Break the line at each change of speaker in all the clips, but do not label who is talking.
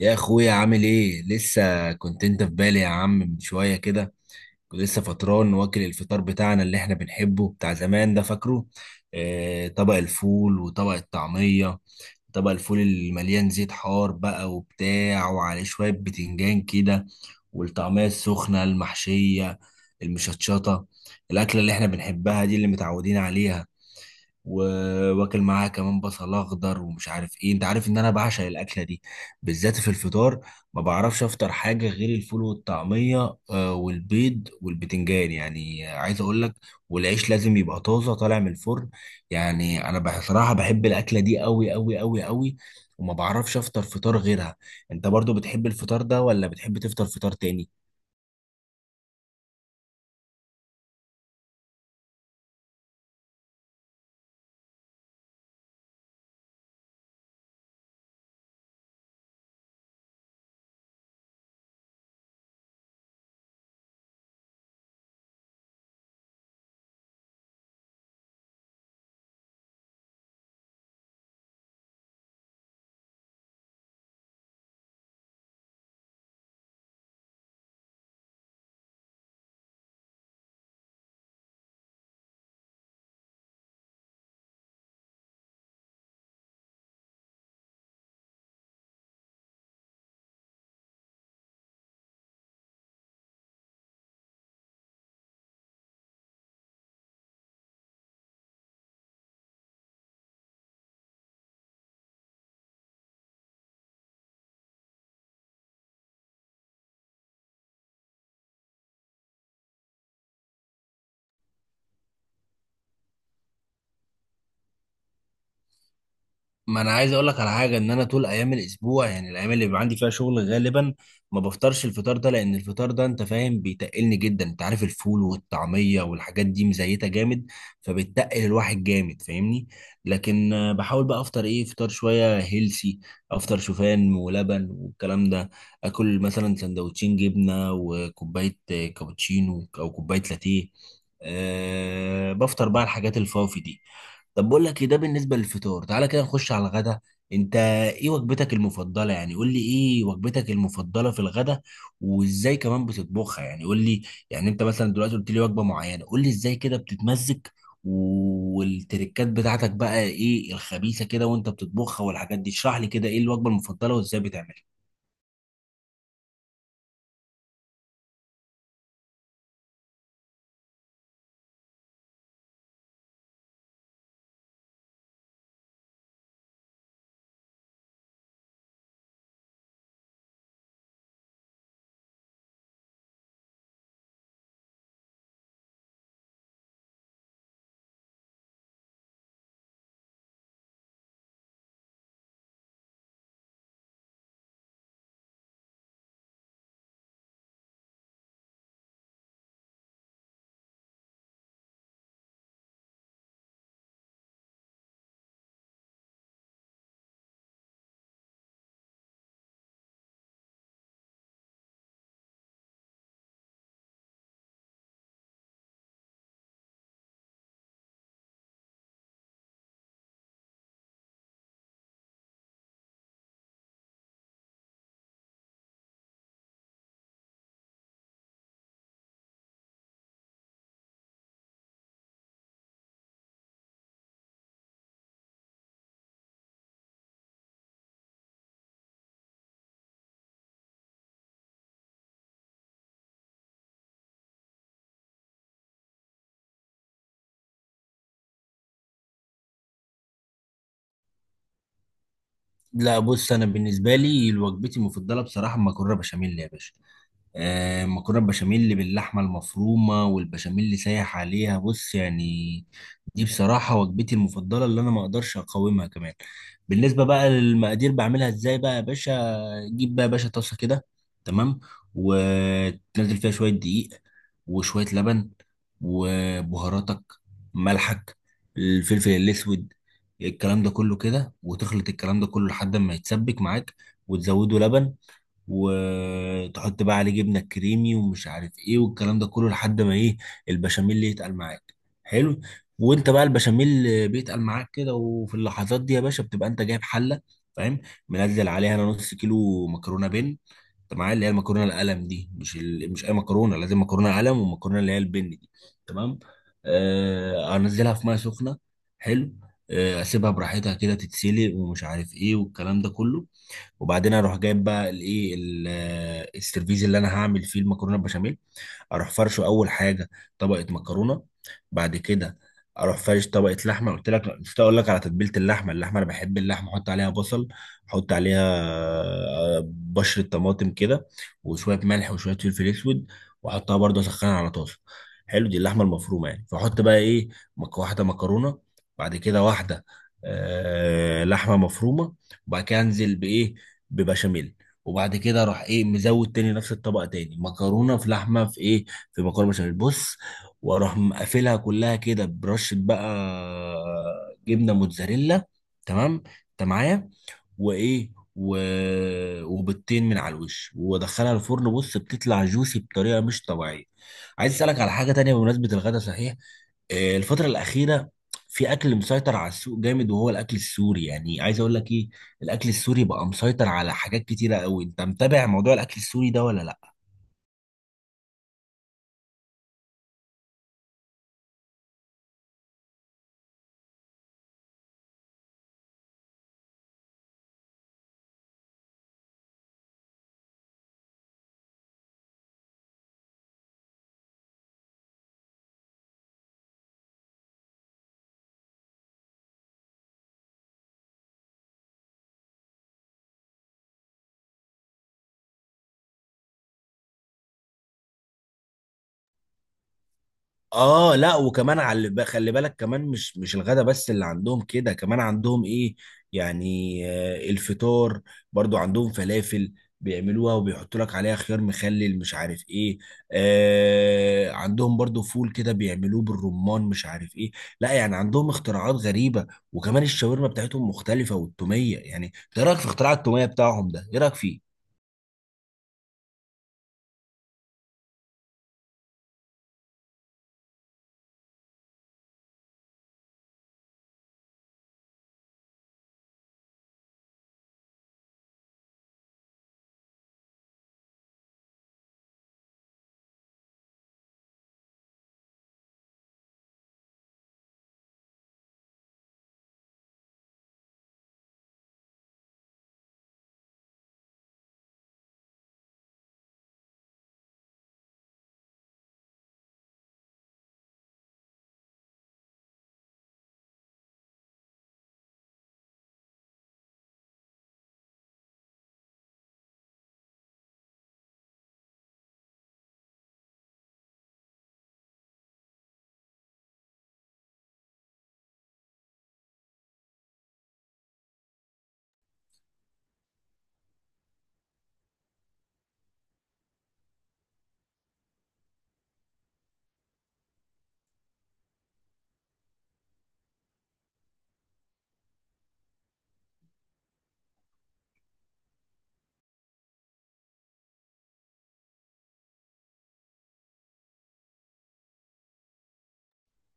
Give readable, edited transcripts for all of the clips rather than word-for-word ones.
يا اخويا، عامل ايه؟ لسه كنت انت في بالي يا عم من شويه كده. كنت لسه فطران واكل الفطار بتاعنا اللي احنا بنحبه بتاع زمان ده، فاكره؟ اه، طبق الفول وطبق الطعميه. طبق الفول المليان زيت حار بقى وبتاع، وعليه شويه بتنجان كده، والطعميه السخنه المحشيه المشطشطه، الاكله اللي احنا بنحبها دي، اللي متعودين عليها. وواكل معاها كمان بصل اخضر ومش عارف ايه. انت عارف ان انا بعشق الاكله دي بالذات في الفطار. ما بعرفش افطر حاجه غير الفول والطعميه والبيض والبتنجان، يعني عايز اقول لك. والعيش لازم يبقى طازه طالع من الفرن. يعني انا بصراحه بحب الاكله دي قوي قوي قوي قوي. وما بعرفش افطر فطار غيرها. انت برضو بتحب الفطار ده ولا بتحب تفطر فطار تاني؟ ما انا عايز اقول لك على حاجه ان انا طول ايام الاسبوع، يعني الايام اللي بيبقى عندي فيها شغل غالبا ما بفطرش الفطار ده، لان الفطار ده انت فاهم بيتقلني جدا. انت عارف الفول والطعميه والحاجات دي مزيته جامد، فبتقل الواحد جامد، فاهمني. لكن بحاول بقى افطر ايه فطار شويه هيلسي. افطر شوفان ولبن والكلام ده. اكل مثلا سندوتشين جبنه وكوبايه كابتشينو او كوبايه لاتيه. بفطر بقى الحاجات الفافي دي. طب بقول لك ده بالنسبه للفطار. تعالى كده نخش على الغدا. انت ايه وجبتك المفضله؟ يعني قول لي ايه وجبتك المفضله في الغدا؟ وازاي كمان بتطبخها؟ يعني قول لي. يعني انت مثلا دلوقتي قلت لي وجبه معينه، قول لي ازاي كده بتتمزج والتركات بتاعتك بقى ايه الخبيثه كده وانت بتطبخها والحاجات دي. اشرح لي كده ايه الوجبه المفضله وازاي بتعملها. لا، بص. انا بالنسبه لي وجبتي المفضله بصراحه المكرونه بشاميل يا باشا. مكرونه بشاميل اللي باللحمه المفرومه والبشاميل اللي سايح عليها، بص يعني. دي بصراحه وجبتي المفضله اللي انا ما اقدرش اقاومها كمان. بالنسبه بقى للمقادير، بعملها ازاي بقى يا باشا؟ جيب بقى يا باشا طاسه كده، تمام، وتنزل فيها شويه دقيق وشويه لبن وبهاراتك، ملحك، الفلفل الاسود، الكلام ده كله كده، وتخلط الكلام ده كله لحد ما يتسبك معاك. وتزوده لبن، وتحط بقى عليه جبنه كريمي ومش عارف ايه والكلام ده كله لحد ما ايه، البشاميل يتقل معاك. حلو. وانت بقى البشاميل بيتقل معاك كده وفي اللحظات دي يا باشا بتبقى انت جايب حله، فاهم، منزل عليها انا نص كيلو مكرونه بن. انت معايا؟ اللي هي المكرونه القلم دي، مش مش اي مكرونه، لازم مكرونه قلم، والمكرونه اللي هي البن دي. تمام. انزلها في ميه سخنه. حلو. اسيبها براحتها كده تتسلق ومش عارف ايه والكلام ده كله. وبعدين اروح جايب بقى الايه السيرفيز اللي انا هعمل فيه المكرونه البشاميل. اروح فرشه اول حاجه طبقه مكرونه. بعد كده اروح فرش طبقه لحمه. قلت لك مش اقول لك على تتبيله اللحمه انا بحب اللحمه احط عليها بصل، احط عليها بشره طماطم كده، وشويه ملح وشويه فلفل اسود، واحطها برضه اسخنها على طاسه. حلو، دي اللحمه المفرومه يعني. فاحط بقى ايه؟ واحده مكرونه، بعد كده واحده لحمه مفرومه. وبعد كده انزل بايه؟ ببشاميل. وبعد كده راح ايه، مزود تاني نفس الطبق تاني، مكرونه في لحمه في ايه، في مكرونه بشاميل. بص. واروح مقفلها كلها كده برشه بقى جبنه موتزاريلا. تمام. انت معايا؟ وايه و... وبيضتين من على الوش وادخلها الفرن. بص، بتطلع جوسي بطريقه مش طبيعيه. عايز اسالك على حاجه تانية بمناسبه الغدا صحيح. الفتره الاخيره في اكل مسيطر على السوق جامد، وهو الاكل السوري. يعني عايز اقول لك ايه، الاكل السوري بقى مسيطر على حاجات كتيره قوي. انت متابع موضوع الاكل السوري ده ولا لا؟ اه، لا. وكمان على خلي بالك كمان، مش الغدا بس اللي عندهم كده، كمان عندهم ايه، يعني الفطار. برضو عندهم فلافل، بيعملوها وبيحطوا لك عليها خيار مخلل مش عارف ايه. عندهم برضو فول كده بيعملوه بالرمان مش عارف ايه. لا يعني عندهم اختراعات غريبة. وكمان الشاورما بتاعتهم مختلفة، والتومية. يعني إنت ايه رأيك في اختراع التومية بتاعهم ده؟ ايه رأيك فيه؟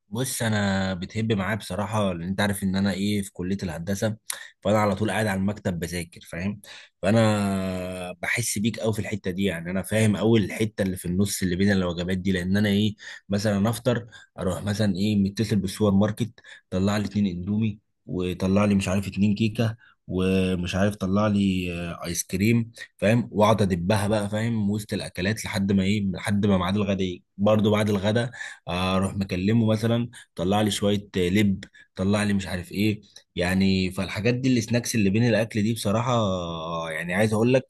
بص، انا بتهب معاه بصراحه، لان انت عارف ان انا ايه، في كليه الهندسه، فانا على طول قاعد على المكتب بذاكر، فاهم. فانا بحس بيك قوي في الحته دي. يعني انا فاهم قوي الحته اللي في النص اللي بين الوجبات دي، لان انا ايه، مثلا افطر، اروح مثلا ايه متصل بالسوبر ماركت، طلع لي 2 اندومي، وطلع لي مش عارف 2 كيكه، ومش عارف طلع لي ايس كريم، فاهم، واقعد ادبها بقى، فاهم، وسط الاكلات لحد ما ايه، لحد ما ميعاد الغدا يجي. برضه بعد الغدا اروح مكلمه مثلا، طلع لي شويه لب، طلع لي مش عارف ايه. يعني فالحاجات دي السناكس اللي بين الاكل دي بصراحه، يعني عايز اقول لك،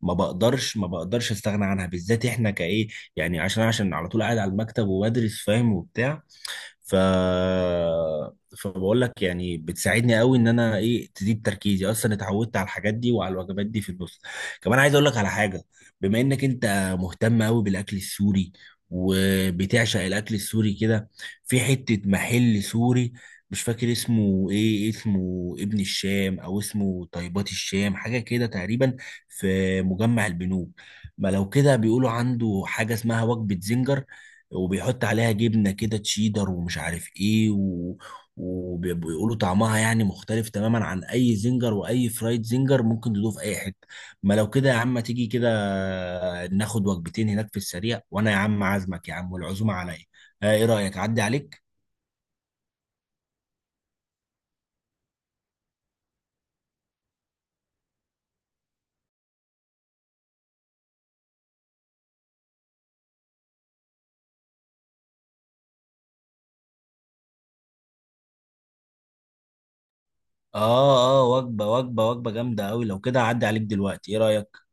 ما بقدرش استغنى عنها، بالذات احنا كايه، يعني عشان على طول قاعد على المكتب وبدرس، فاهم، وبتاع. ف فبقول لك يعني بتساعدني قوي ان انا ايه تزيد تركيزي. اصلا اتعودت على الحاجات دي وعلى الوجبات دي في النص. كمان عايز اقول لك على حاجه. بما انك انت مهتم قوي بالاكل السوري وبتعشق الاكل السوري كده، في حته محل سوري، مش فاكر اسمه ايه، اسمه ابن الشام او اسمه طيبات الشام حاجه كده تقريبا، في مجمع البنوك. ما لو كده بيقولوا عنده حاجه اسمها وجبه زنجر، وبيحط عليها جبنة كده تشيدر ومش عارف ايه و... وبيقولوا طعمها يعني مختلف تماما عن اي زنجر، واي فرايد زنجر ممكن تدوه في اي حتة. ما لو كده يا عم تيجي كده، ناخد وجبتين هناك في السريع، وانا يا عم عازمك يا عم والعزومة عليا. ايه رأيك، اعدي عليك؟ اه اه، وجبة جامدة قوي. لو كده اعدي عليك دلوقتي، ايه رأيك؟